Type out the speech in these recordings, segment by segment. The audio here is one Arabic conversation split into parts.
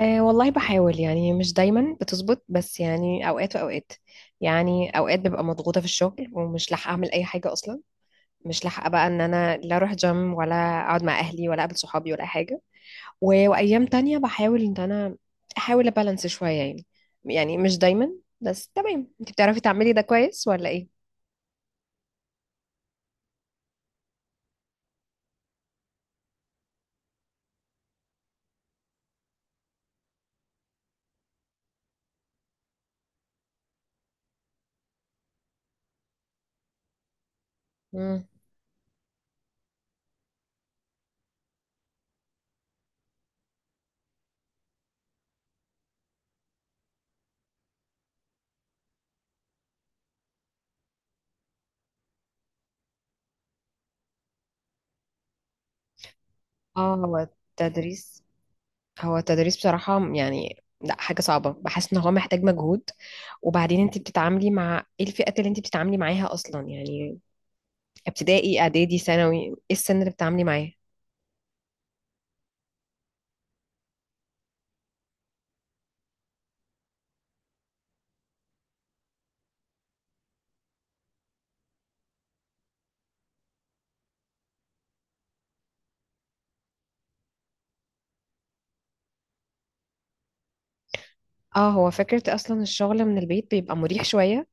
أه والله بحاول يعني مش دايما بتظبط، بس يعني اوقات واوقات. يعني اوقات ببقى مضغوطه في الشغل ومش لاحقه اعمل اي حاجه اصلا. مش لاحقه بقى ان انا لا اروح جيم ولا اقعد مع اهلي ولا اقابل صحابي ولا أي حاجه. وايام تانية بحاول ان انا احاول ابالانس شويه يعني. يعني مش دايما. بس تمام، انت بتعرفي تعملي ده كويس ولا ايه؟ مم. اه، هو التدريس، بصراحة يعني لا حاجة صعبة، بحس ان هو محتاج مجهود. وبعدين انت بتتعاملي مع ايه؟ الفئات اللي انت بتتعاملي معاها اصلا يعني، ابتدائي اعدادي ثانوي، ايه السن اللي بتتعاملي معاه؟ اه، هو فكرة اصلا الشغل من البيت بيبقى مريح شوية،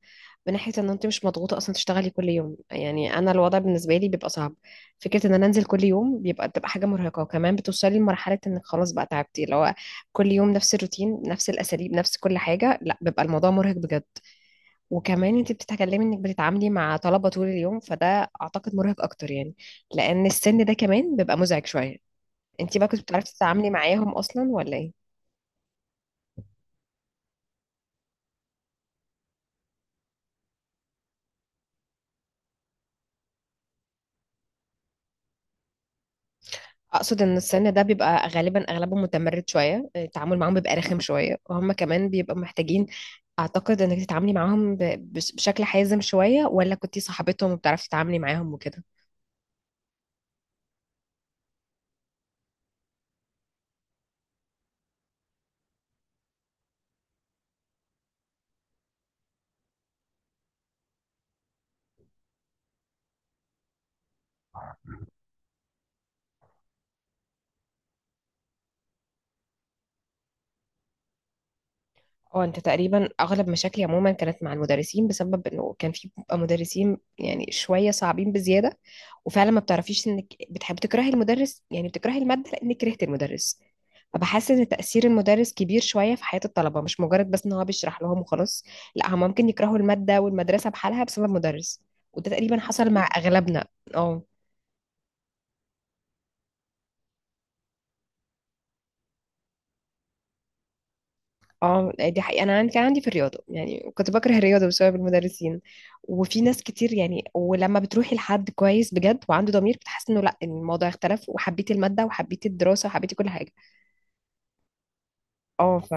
من ناحية ان انت مش مضغوطة اصلا تشتغلي كل يوم. يعني انا الوضع بالنسبة لي بيبقى صعب. فكرة ان انا انزل كل يوم بتبقى حاجة مرهقة، وكمان بتوصلي لمرحلة انك خلاص بقى تعبتي. لو كل يوم نفس الروتين، نفس الاساليب، نفس كل حاجة، لا بيبقى الموضوع مرهق بجد. وكمان انت بتتكلمي انك بتتعاملي مع طلبة طول اليوم، فده اعتقد مرهق اكتر يعني، لان السن ده كمان بيبقى مزعج شوية. انت بقى كنت بتعرفي تتعاملي معاهم اصلا ولا ايه؟ اقصد ان السن ده بيبقى غالبا اغلبهم متمرد شوية، التعامل معاهم بيبقى رخم شوية، وهم كمان بيبقوا محتاجين، اعتقد انك تتعاملي معاهم بشكل حازم شوية، ولا كنتي صاحبتهم وبتعرفي تتعاملي معاهم وكده؟ اه، انت تقريبا اغلب مشاكلي عموما كانت مع المدرسين، بسبب انه كان في بيبقى مدرسين يعني شويه صعبين بزياده. وفعلا ما بتعرفيش، انك بتحب تكرهي المدرس يعني بتكرهي الماده لانك كرهت المدرس. فبحس ان تاثير المدرس كبير شويه في حياه الطلبه، مش مجرد بس ان هو بيشرح لهم وخلاص. لا، هم ممكن يكرهوا الماده والمدرسه بحالها بسبب مدرس. وده تقريبا حصل مع اغلبنا. اه. اه، دي حقيقة، انا عندي كان عندي في الرياضة، يعني كنت بكره الرياضة بسبب المدرسين. وفي ناس كتير يعني، ولما بتروحي لحد كويس بجد وعنده ضمير، بتحس انه لا الموضوع اختلف، وحبيتي المادة وحبيتي الدراسة وحبيتي كل حاجة. اه.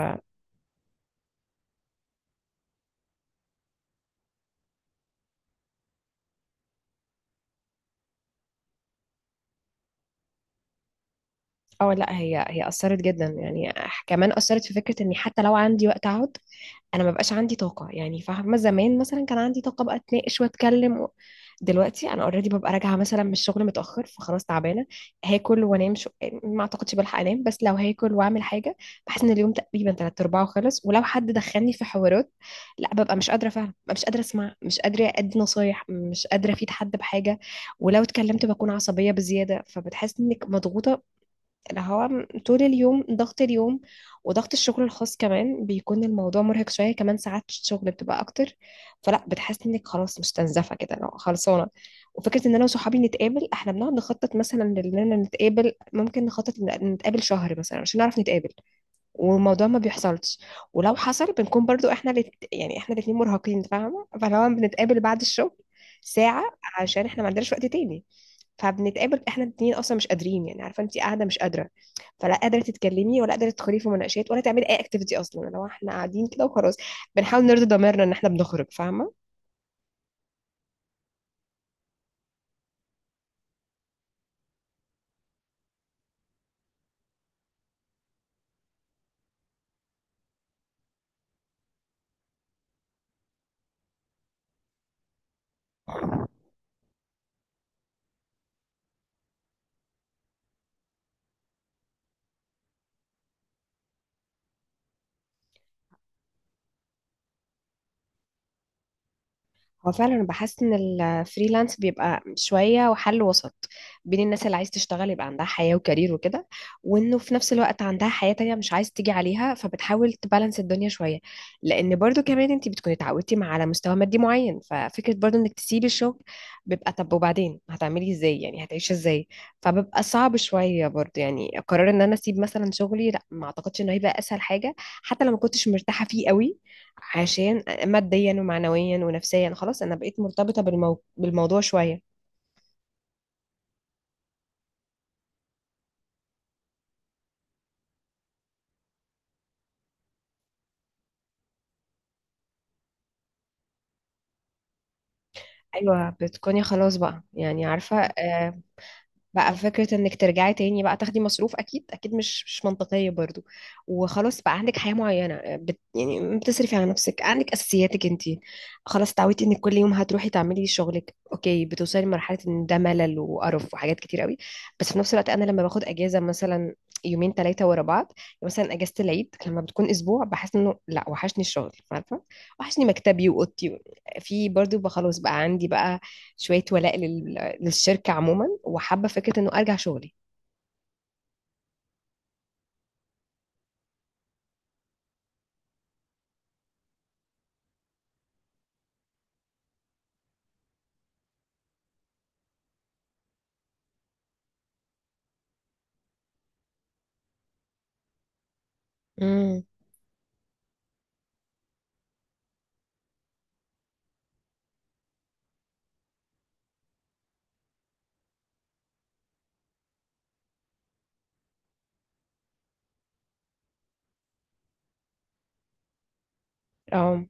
اه، لا، هي اثرت جدا يعني. كمان اثرت في فكرة اني حتى لو عندي وقت اقعد، انا ما بقاش عندي طاقه يعني. فاهمه؟ زمان مثلا كان عندي طاقه بقى اتناقش واتكلم دلوقتي انا اوريدي ببقى راجعه مثلا من الشغل متاخر، فخلاص تعبانه. هاكل وانام ما اعتقدش بلحق انام، بس لو هاكل واعمل حاجه بحس ان اليوم تقريبا تلات ارباعه خلص. ولو حد دخلني في حوارات، لا ببقى مش قادره، فعلا مش قادره اسمع، مش قادره ادي نصايح، مش قادره افيد حد بحاجه. ولو اتكلمت بكون عصبيه بزياده، فبتحس انك مضغوطه، اللي هو طول اليوم ضغط اليوم. وضغط الشغل الخاص كمان، بيكون الموضوع مرهق شوية. كمان ساعات الشغل بتبقى أكتر، فلا بتحس إنك خلاص مش تنزفة كده لو خلصانة. وفكرة إن أنا وصحابي نتقابل، إحنا بنقعد نخطط مثلا إننا نتقابل، ممكن نخطط إن نتقابل شهر مثلا عشان نعرف نتقابل، والموضوع ما بيحصلش. ولو حصل بنكون برضو احنا يعني احنا الاتنين مرهقين. فاهمة؟ فلو بنتقابل بعد الشغل ساعة عشان احنا ما عندناش وقت تاني، فبنتقابل احنا الاتنين اصلا مش قادرين. يعني عارفة انت قاعدة مش قادرة، فلا قادرة تتكلمي ولا قادرة تدخلي في مناقشات ولا تعملي اي اكتيفيتي اصلا. لو احنا قاعدين كده وخلاص، بنحاول نرضي ضميرنا ان احنا بنخرج. فاهمة؟ هو فعلا انا بحس ان الفريلانس بيبقى شويه وحل وسط بين الناس اللي عايز تشتغل يبقى عندها حياه وكارير وكده، وانه في نفس الوقت عندها حياه تانية مش عايز تيجي عليها، فبتحاول تبالانس الدنيا شويه. لان برضو كمان انت بتكوني اتعودتي مع على مستوى مادي معين، ففكره برضو انك تسيبي الشغل بيبقى طب وبعدين هتعملي ازاي؟ يعني هتعيشي ازاي؟ فبيبقى صعب شويه برضو يعني، قرار ان انا اسيب مثلا شغلي، لا ما اعتقدش انه هيبقى اسهل حاجه حتى لو ما كنتش مرتاحه فيه قوي، عشان ماديا ومعنويا ونفسيا خلاص انا بقيت مرتبطة بالموضوع شوية. ايوه، بتكوني خلاص بقى يعني عارفة، بقى فكرة انك ترجعي تاني بقى تاخدي مصروف اكيد اكيد مش منطقية برضو. وخلاص بقى عندك حياة معينة، آه، بت يعني بتصرفي على نفسك، عندك اساسياتك انتي، خلاص تعودتي انك كل يوم هتروحي تعملي شغلك اوكي. بتوصلي لمرحلة ان ده ملل وقرف وحاجات كتير قوي. بس في نفس الوقت انا لما باخد اجازة مثلا، يومين ثلاثة ورا بعض، مثلا اجازة العيد لما بتكون اسبوع، بحس انه لا وحشني الشغل. عارفة؟ وحشني مكتبي واوضتي. في برضو بقى خلاص بقى عندي بقى شوية ولاء للشركة عموما، وحابة فكرة انه ارجع شغلي. امم. اه،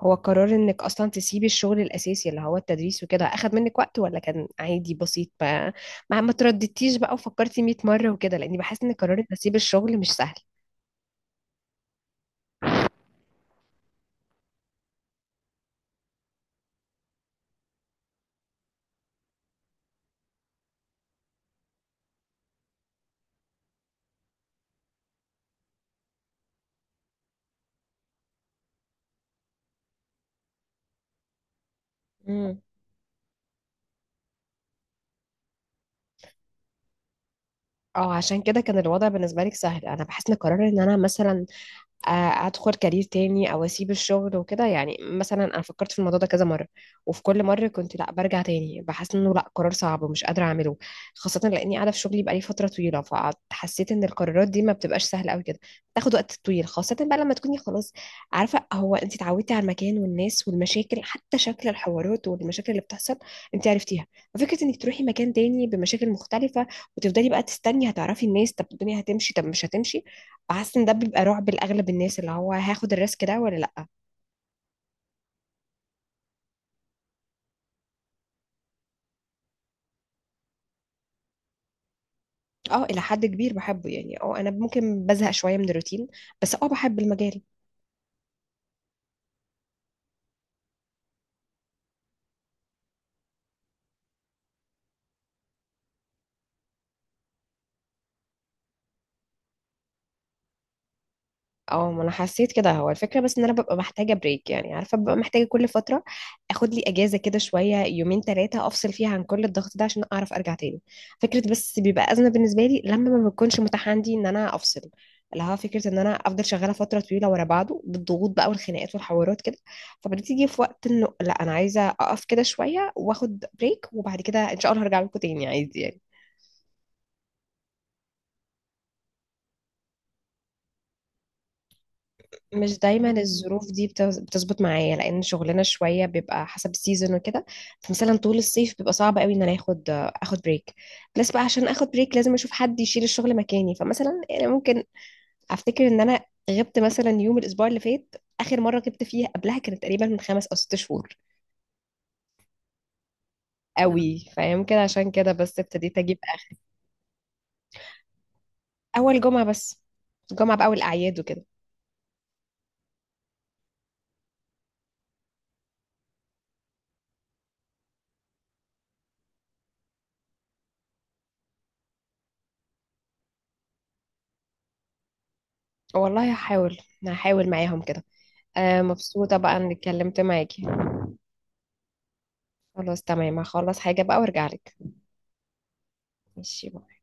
هو قرار انك اصلا تسيبي الشغل الاساسي اللي هو التدريس وكده اخد منك وقت ولا كان عادي بسيط؟ ما ترددتيش بقى وفكرتي 100 مرة وكده، لاني بحس ان قرار ان اسيب الشغل مش سهل. امم. اه، عشان كده كان الوضع بالنسبة لك سهل. انا بحس ان قرار ان انا مثلا ادخل كارير تاني او اسيب الشغل وكده، يعني مثلا انا فكرت في الموضوع ده كذا مره، وفي كل مره كنت لا برجع تاني بحس انه لا قرار صعب ومش قادره اعمله، خاصه لاني قاعده في شغلي بقالي فتره طويله. فحسيت ان القرارات دي ما بتبقاش سهله قوي كده، بتاخد وقت طويل، خاصه بقى لما تكوني خلاص عارفه. هو انت اتعودتي على المكان والناس والمشاكل، حتى شكل الحوارات والمشاكل اللي بتحصل انت عرفتيها، ففكره انك تروحي مكان تاني بمشاكل مختلفه، وتفضلي بقى تستني هتعرفي الناس، طب الدنيا هتمشي طب مش هتمشي. فحاسه ان ده بيبقى رعب لاغلب الناس، اللي هو هاخد الريسك ده ولا لا. اه، الى حد كبير بحبه يعني. اه انا ممكن بزهق شويه من الروتين، بس اه بحب المجال. اه، ما انا حسيت كده، هو الفكره بس ان انا ببقى محتاجه بريك يعني، عارفه ببقى محتاجه كل فتره اخد لي اجازه كده شويه، يومين ثلاثه افصل فيها عن كل الضغط ده عشان اعرف ارجع تاني. فكره بس بيبقى ازمه بالنسبه لي لما ما بيكونش متاح عندي ان انا افصل، اللي هو فكره ان انا افضل شغاله فتره طويله ورا بعضه بالضغوط بقى والخناقات والحوارات كده، فبتيجي في وقت انه لا انا عايزه اقف كده شويه واخد بريك، وبعد كده ان شاء الله هرجع لكم تاني عادي يعني. مش دايما الظروف دي بتظبط معايا، لان شغلنا شويه بيبقى حسب السيزون وكده، فمثلا طول الصيف بيبقى صعب قوي ان انا اخد بريك. بس بقى عشان اخد بريك لازم اشوف حد يشيل الشغل مكاني، فمثلا يعني ممكن افتكر ان انا غبت مثلا يوم الاسبوع اللي فات. اخر مره غبت فيها قبلها كانت تقريبا من خمس او ست شهور. قوي، فيمكن عشان كده بس ابتديت اجيب اخر. اول جمعه بس، جمعه باول الاعياد وكده. والله هحاول معاهم كده. آه، مبسوطه بقى اني اتكلمت معاكي. خلاص تمام، هخلص حاجة بقى وارجع لك. ماشي.